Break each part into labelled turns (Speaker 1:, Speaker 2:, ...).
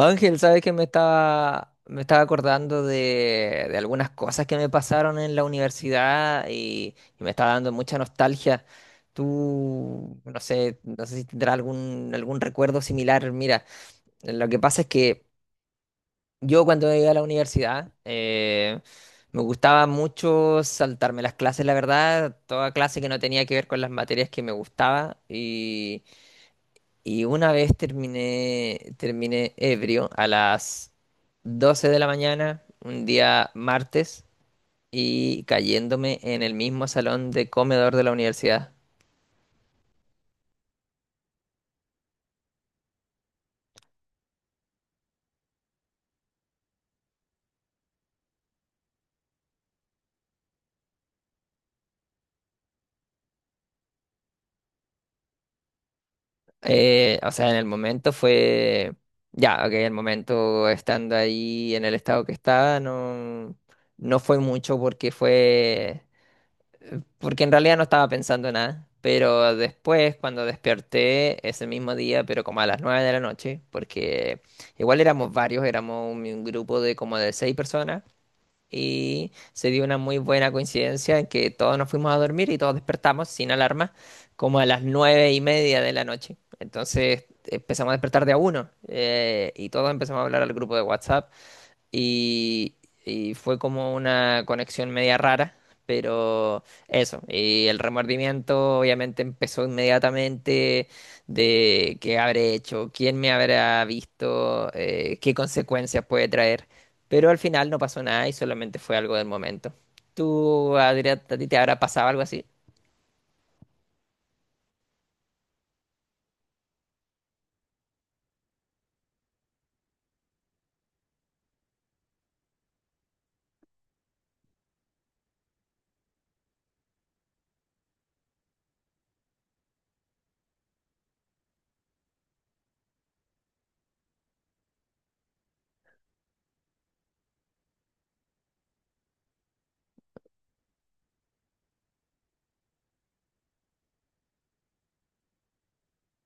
Speaker 1: Ángel, sabes que me estaba acordando de algunas cosas que me pasaron en la universidad y me estaba dando mucha nostalgia. Tú, no sé, no sé si tendrás algún recuerdo similar. Mira, lo que pasa es que yo cuando iba a la universidad me gustaba mucho saltarme las clases, la verdad, toda clase que no tenía que ver con las materias que me gustaba, y una vez terminé ebrio a las 12 de la mañana, un día martes, y cayéndome en el mismo salón de comedor de la universidad. O sea, en el momento fue... Ya, ok, el momento estando ahí en el estado que estaba, no, no fue mucho porque fue... porque en realidad no estaba pensando en nada. Pero después, cuando desperté ese mismo día, pero como a las 9 de la noche, porque igual éramos varios, éramos un grupo de como de seis personas, y se dio una muy buena coincidencia en que todos nos fuimos a dormir y todos despertamos sin alarma, como a las 9:30 de la noche. Entonces empezamos a despertar de a uno, y todos empezamos a hablar al grupo de WhatsApp y, y fue como una conexión media rara, pero eso, y el remordimiento obviamente empezó inmediatamente de qué habré hecho, quién me habrá visto, qué consecuencias puede traer, pero al final no pasó nada y solamente fue algo del momento. ¿Tú, Adrián, a ti te habrá pasado algo así?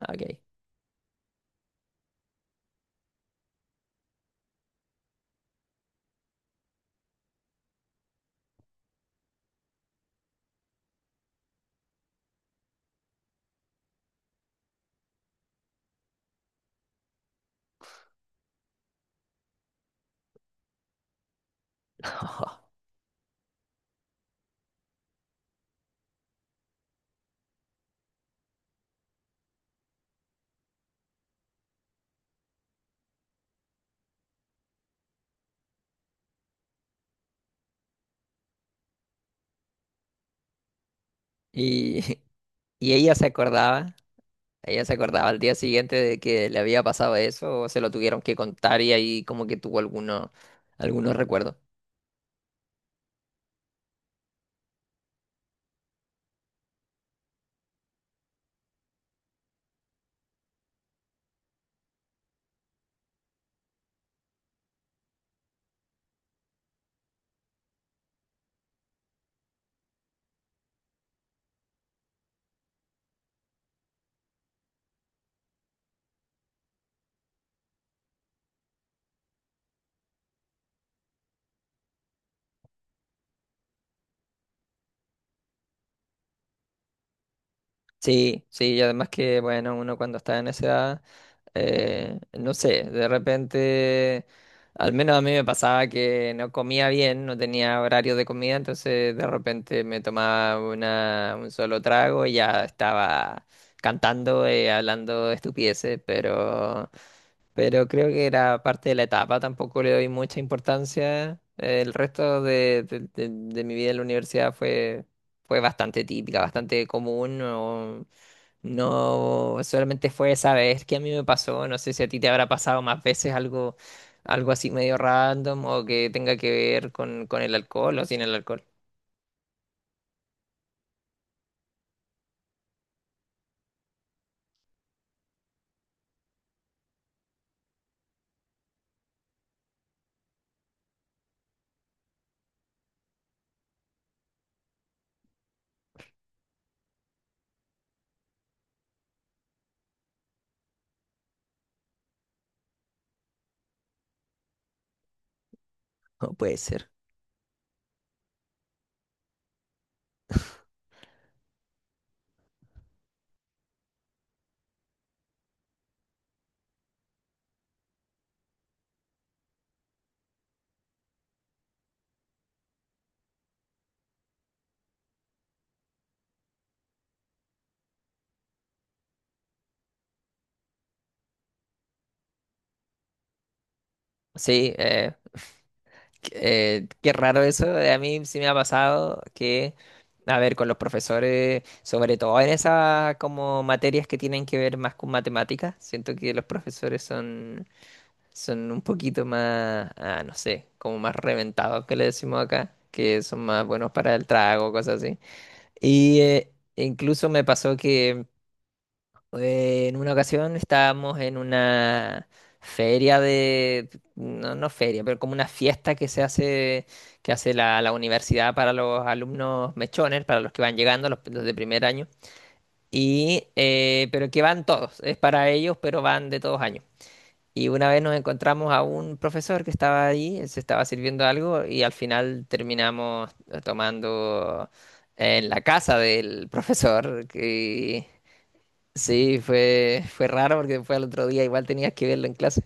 Speaker 1: Ah, ok. Y, y ella se acordaba. Ella se acordaba al día siguiente de que le había pasado eso o se lo tuvieron que contar y ahí como que tuvo algunos recuerdos. Sí, sí, y además que, bueno, uno cuando está en esa edad, no sé, de repente, al menos a mí me pasaba que no comía bien, no tenía horario de comida, entonces de repente me tomaba un solo trago y ya estaba cantando, hablando estupideces, pero... Pero creo que era parte de la etapa, tampoco le doy mucha importancia. El resto de mi vida en la universidad fue, fue bastante típica, bastante común. No, solamente fue esa vez que a mí me pasó. No sé si a ti te habrá pasado más veces algo, algo así medio random o que tenga que ver con el alcohol o sin el alcohol. No puede ser. Sí, eh, qué raro eso. A mí sí me ha pasado que, a ver, con los profesores, sobre todo en esas como materias que tienen que ver más con matemáticas, siento que los profesores son, son un poquito más, no sé, como más reventados que le decimos acá, que son más buenos para el trago, cosas así. Y incluso me pasó que en una ocasión estábamos en una feria de, no, no feria, pero como una fiesta que se hace, que hace la universidad para los alumnos mechones, para los que van llegando, los de primer año. Y, pero que van todos, es para ellos, pero van de todos años. Y una vez nos encontramos a un profesor que estaba ahí, él se estaba sirviendo algo y al final terminamos tomando en la casa del profesor. Sí, fue, fue raro porque fue al otro día, igual tenías que verlo en clase.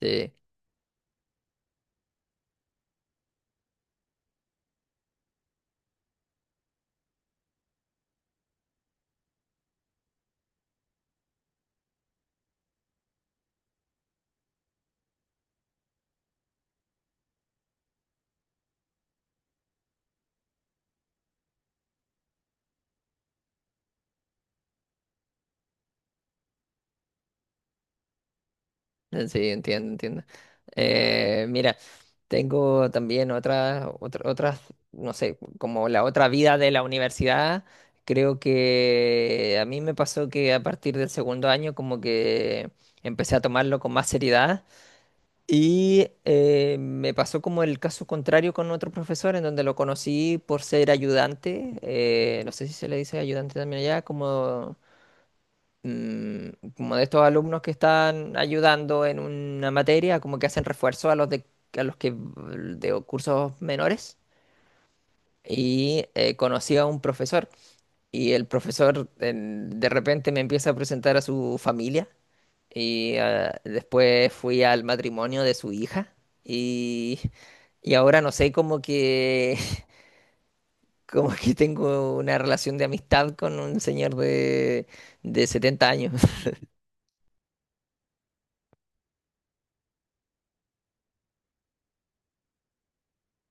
Speaker 1: Sí, sí, entiendo, entiendo. Mira, tengo también otras, otras, no sé, como la otra vida de la universidad. Creo que a mí me pasó que a partir del segundo año como que empecé a tomarlo con más seriedad y me pasó como el caso contrario con otro profesor en donde lo conocí por ser ayudante, no sé si se le dice ayudante también allá, como... mm, como de estos alumnos que están ayudando en una materia, como que hacen refuerzo a los de, a los que de cursos menores. Y conocí a un profesor y el profesor de repente me empieza a presentar a su familia y después fui al matrimonio de su hija y, y ahora no sé, como que, como que tengo una relación de amistad con un señor de 70 años.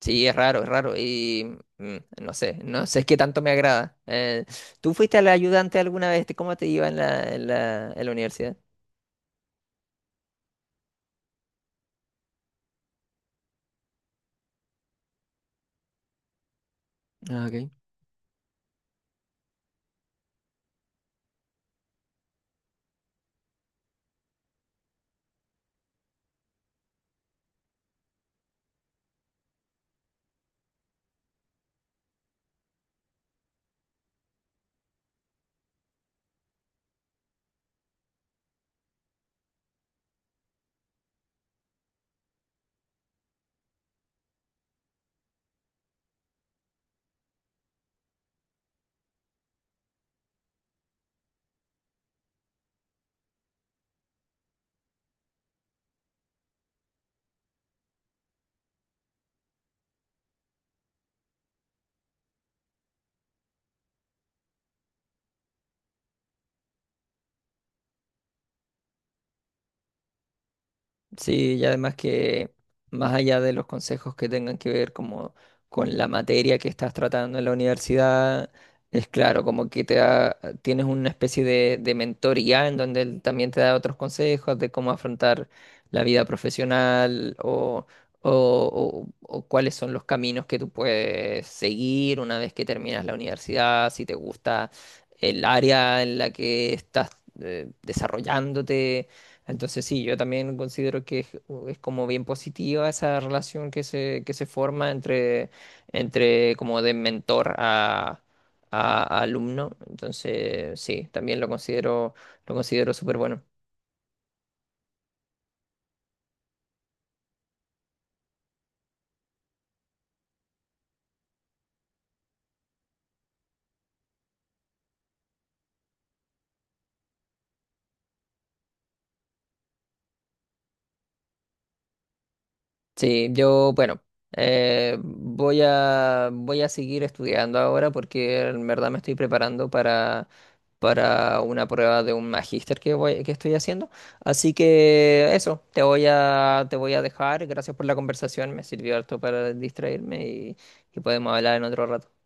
Speaker 1: Sí, es raro, es raro. Y no sé, no sé qué tanto me agrada. ¿Tú fuiste al ayudante alguna vez? ¿Cómo te iba en la, en la universidad? Ah, ok. Sí, y además que más allá de los consejos que tengan que ver como con la materia que estás tratando en la universidad, es claro, como que te da, tienes una especie de mentoría en donde él también te da otros consejos de cómo afrontar la vida profesional o, o cuáles son los caminos que tú puedes seguir una vez que terminas la universidad, si te gusta el área en la que estás desarrollándote, entonces sí, yo también considero que es como bien positiva esa relación que se forma entre, entre como de mentor a alumno. Entonces sí, también lo considero súper bueno. Sí, yo, bueno, voy voy a seguir estudiando ahora porque en verdad me estoy preparando para una prueba de un magíster que voy, que estoy haciendo. Así que eso, te voy te voy a dejar. Gracias por la conversación, me sirvió harto para distraerme y podemos hablar en otro rato.